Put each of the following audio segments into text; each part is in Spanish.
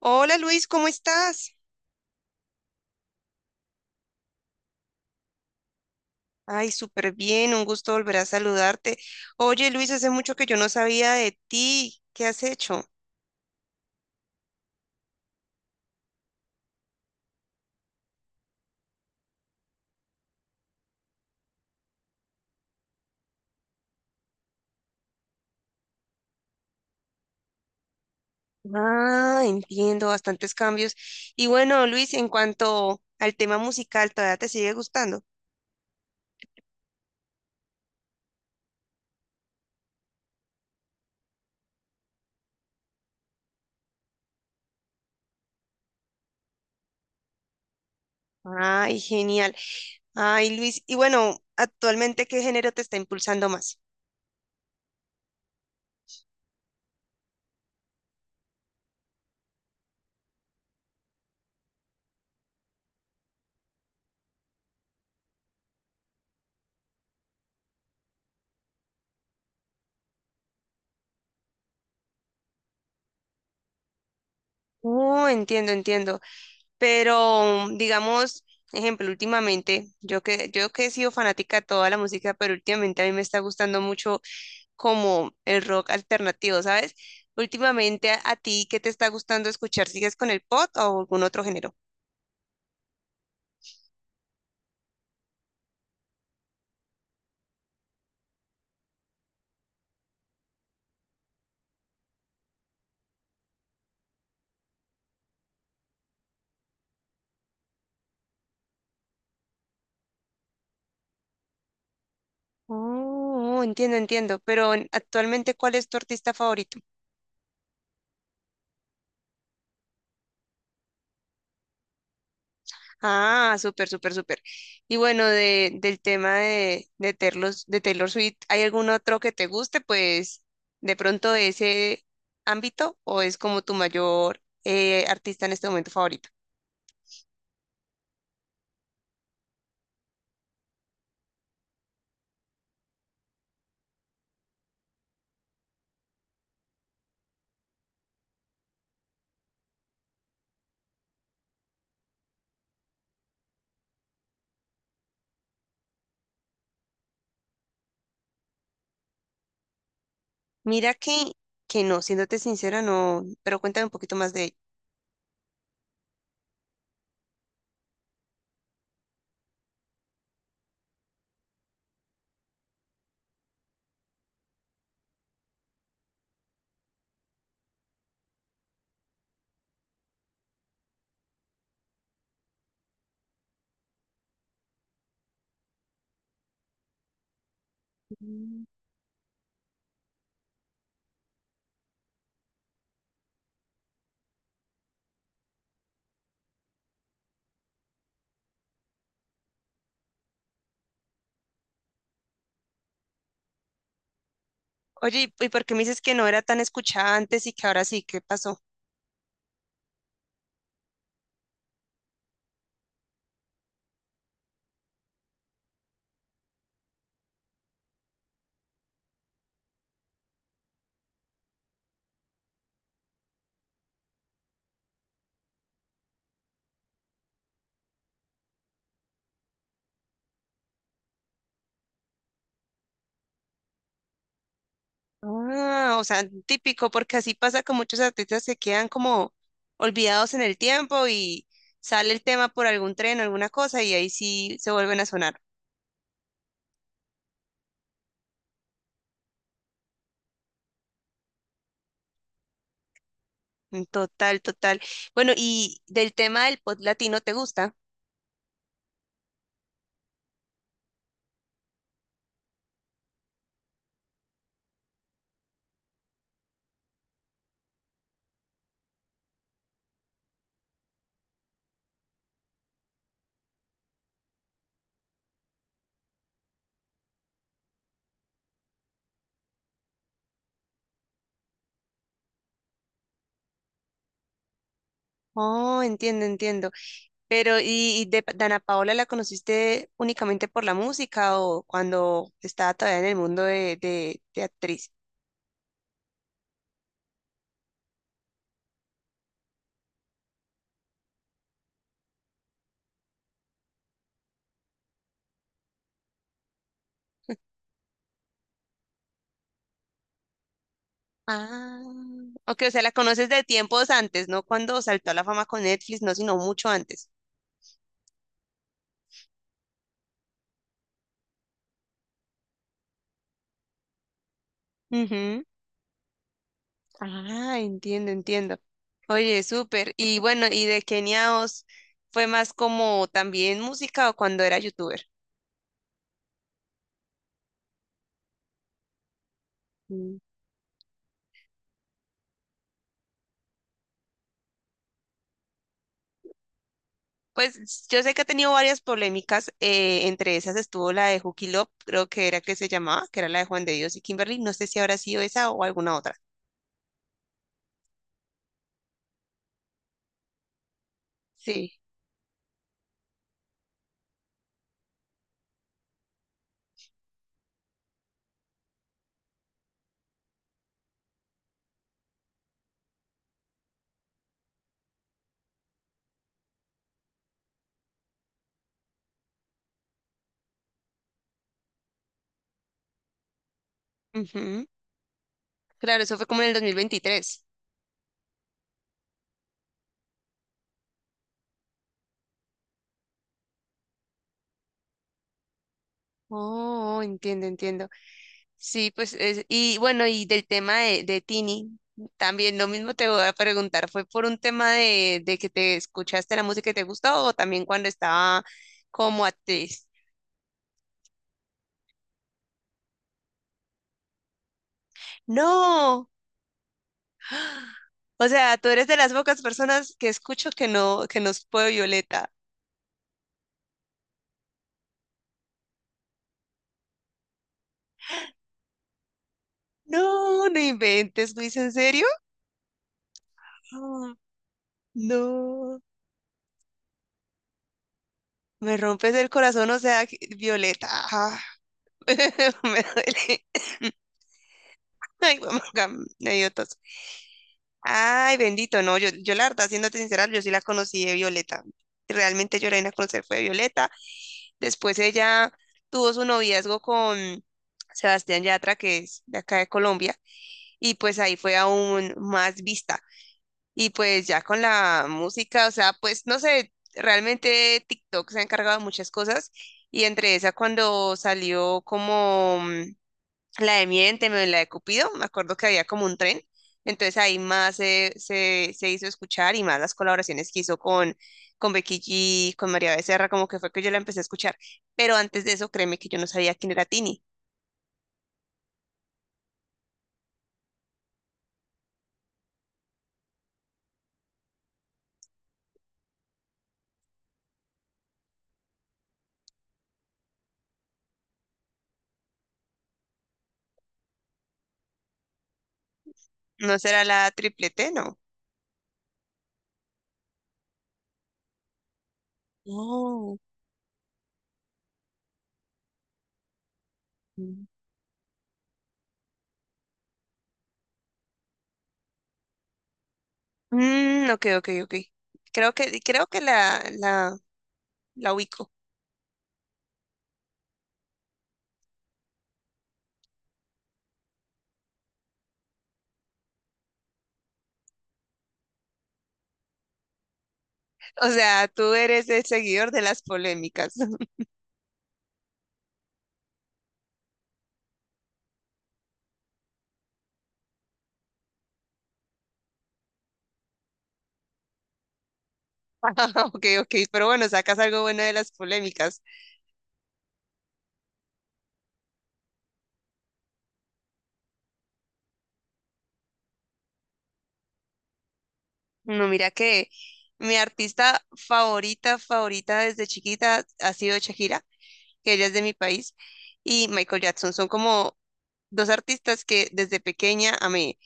Hola Luis, ¿cómo estás? Ay, súper bien, un gusto volver a saludarte. Oye Luis, hace mucho que yo no sabía de ti. ¿Qué has hecho? Ah, entiendo, bastantes cambios. Y bueno, Luis, en cuanto al tema musical, ¿todavía te sigue gustando? Ay, genial. Ay, Luis, y bueno, actualmente, ¿qué género te está impulsando más? Oh, entiendo, entiendo. Pero digamos, ejemplo, últimamente, yo que he sido fanática de toda la música, pero últimamente a mí me está gustando mucho como el rock alternativo, ¿sabes? Últimamente a ti, ¿qué te está gustando escuchar? ¿Sigues con el pop o algún otro género? Oh, entiendo, entiendo. Pero actualmente, ¿cuál es tu artista favorito? Ah, súper, súper, súper. Y bueno, del tema de Taylor, de Taylor Swift, ¿hay algún otro que te guste? Pues de pronto de ese ámbito o es como tu mayor artista en este momento favorito. Mira que no, siéndote sincera, no, pero cuéntame un poquito más de ella. Oye, ¿y por qué me dices que no era tan escuchada antes y que ahora sí? ¿Qué pasó? Ah, o sea, típico, porque así pasa con muchos artistas que quedan como olvidados en el tiempo y sale el tema por algún tren alguna cosa y ahí sí se vuelven a sonar. Total, total. Bueno, y del tema del pop latino, ¿te gusta? Oh, entiendo, entiendo. Pero, y de Dana Paola la conociste únicamente por la música o cuando estaba todavía en el mundo de actriz? Ah, ok, o sea, la conoces de tiempos antes, no cuando saltó a la fama con Netflix, no, sino mucho antes. Ujú. Ah, entiendo, entiendo. Oye, súper. Y bueno, ¿y de Kenia Os fue más como también música o cuando era youtuber? Mm. Pues yo sé que ha tenido varias polémicas, entre esas estuvo la de Juki Love, creo que era que se llamaba, que era la de Juan de Dios y Kimberly, no sé si habrá sido esa o alguna otra. Sí. Ujú. Claro, eso fue como en el 2023. Oh, entiendo, entiendo. Sí, pues, y bueno, y del tema de Tini, también lo mismo te voy a preguntar, ¿fue por un tema de que te escuchaste la música y te gustó o también cuando estaba como actriz? No, o sea, tú eres de las pocas personas que escucho que no, que nos fue Violeta. No, no inventes, Luis, ¿en serio? Ah, no, me rompes el corazón, o sea, Violeta, ah, me duele. Ay, mamá, me dio tos. Ay, bendito, no, yo la verdad, siéndote sincera, yo sí la conocí de Violeta. Realmente yo la vine a conocer fue de Violeta. Después ella tuvo su noviazgo con Sebastián Yatra, que es de acá de Colombia, y pues ahí fue aún más vista. Y pues ya con la música, o sea, pues no sé, realmente TikTok se ha encargado de muchas cosas, y entre esa, cuando salió como la de Miénteme, la de Cupido, me acuerdo que había como un tren, entonces ahí más se hizo escuchar y más las colaboraciones que hizo con Becky G, con María Becerra, como que fue que yo la empecé a escuchar, pero antes de eso créeme que yo no sabía quién era Tini, no será la triplete, no. Oh, mm. Mm, ok, ok, ok. Creo que la ubico. O sea, tú eres el seguidor de las polémicas. Ah, ok, ok, pero bueno, sacas algo bueno de las polémicas. No, mira que mi artista favorita, favorita desde chiquita ha sido Shakira, que ella es de mi país, y Michael Jackson. Son como dos artistas que desde pequeña amé.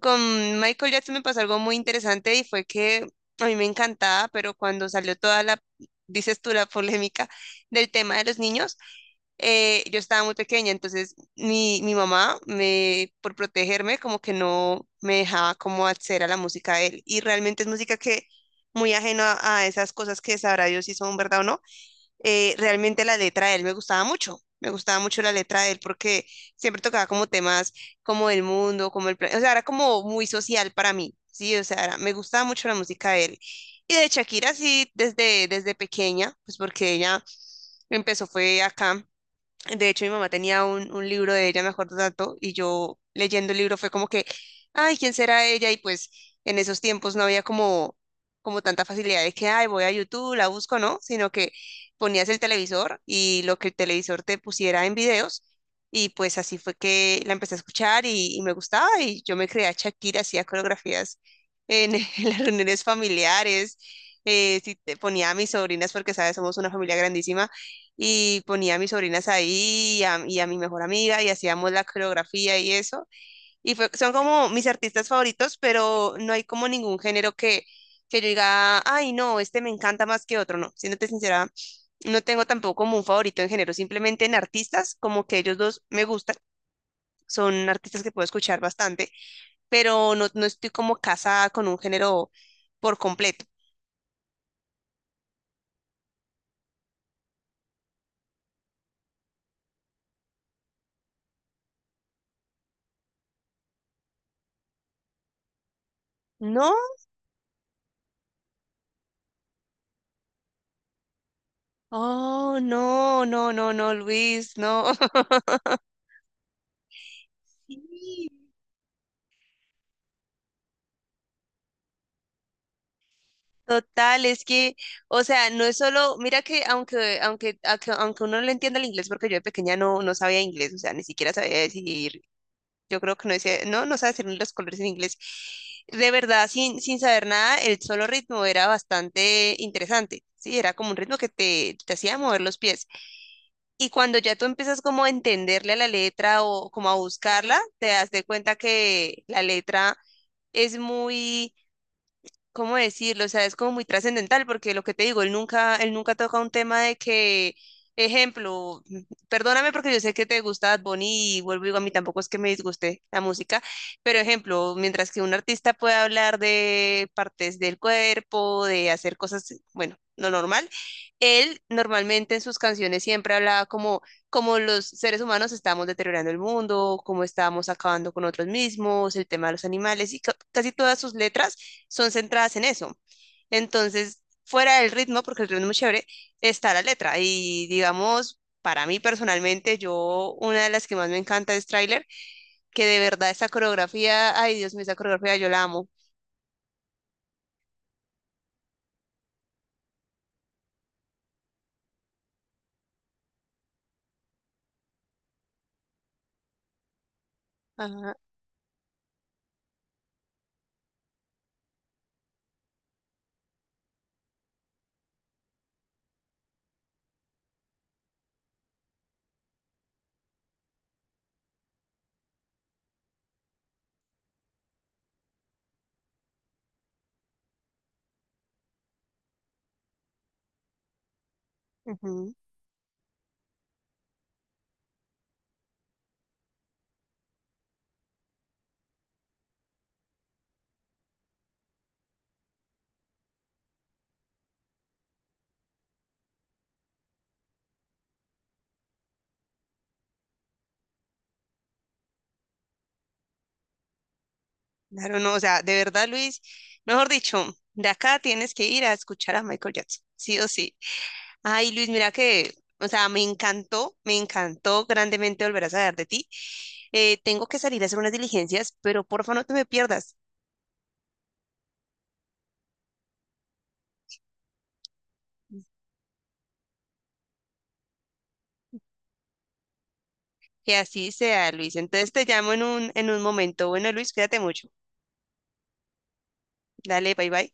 Con Michael Jackson me pasó algo muy interesante y fue que a mí me encantaba, pero cuando salió toda la, dices tú, la polémica del tema de los niños, yo estaba muy pequeña, entonces mi mamá, me, por protegerme, como que no me dejaba como acceder a la música de él. Y realmente es música que muy ajena a esas cosas que sabrá Dios si son verdad o no. Realmente la letra de él me gustaba mucho. Me gustaba mucho la letra de él porque siempre tocaba como temas como el mundo, como el plan, o sea, era como muy social para mí, sí, o sea, me gustaba mucho la música de él. Y de Shakira sí, desde pequeña, pues porque ella empezó fue acá de hecho, mi mamá tenía un libro de ella, me acuerdo tanto, y yo leyendo el libro fue como que, ay, ¿quién será ella? Y pues en esos tiempos no había como, como tanta facilidad de que, ay, voy a YouTube, la busco, ¿no? Sino que ponías el televisor y lo que el televisor te pusiera en videos, y pues así fue que la empecé a escuchar y me gustaba, y yo me creía a Shakira, hacía coreografías en, en las reuniones familiares, si te ponía a mis sobrinas, porque, ¿sabes? Somos una familia grandísima y ponía a mis sobrinas ahí y y a mi mejor amiga y hacíamos la coreografía y eso. Son como mis artistas favoritos, pero no hay como ningún género que yo diga, ay, no, este me encanta más que otro, no. Siéndote sincera, no tengo tampoco como un favorito en género, simplemente en artistas, como que ellos dos me gustan. Son artistas que puedo escuchar bastante, pero no, no estoy como casada con un género por completo. No, oh, no, no, no, no, Luis, no. Sí, total, es que, o sea, no es solo, mira que aunque uno no le entienda el inglés, porque yo de pequeña no, no sabía inglés, o sea, ni siquiera sabía decir, yo creo que no decía, no, no sabía decir ni los colores en inglés. De verdad, sin saber nada, el solo ritmo era bastante interesante, sí, era como un ritmo que te hacía mover los pies. Y cuando ya tú empiezas como a entenderle a la letra o como a buscarla, te das de cuenta que la letra es muy ¿cómo decirlo? O sea, es como muy trascendental porque lo que te digo, él nunca toca un tema de que, ejemplo, perdóname porque yo sé que te gusta Bad Bunny y vuelvo y digo, a mí tampoco es que me disguste la música, pero ejemplo, mientras que un artista puede hablar de partes del cuerpo, de hacer cosas, bueno, lo normal, él normalmente en sus canciones siempre hablaba como, como los seres humanos estamos deteriorando el mundo, cómo estamos acabando con otros mismos, el tema de los animales y casi todas sus letras son centradas en eso. Entonces, fuera del ritmo, porque el ritmo es muy chévere, está la letra. Y digamos, para mí personalmente, yo una de las que más me encanta es Trailer, que de verdad esa coreografía, ay Dios mío, esa coreografía yo la amo. Ajá, ujú. Claro, no, o sea, de verdad, Luis, mejor dicho, de acá tienes que ir a escuchar a Michael Jackson, sí o sí. Ay, Luis, mira que, o sea, me encantó grandemente volver a saber de ti. Tengo que salir a hacer unas diligencias, pero porfa no te me pierdas. Que así sea, Luis. Entonces te llamo en en un momento. Bueno, Luis, cuídate mucho. Dale, bye bye.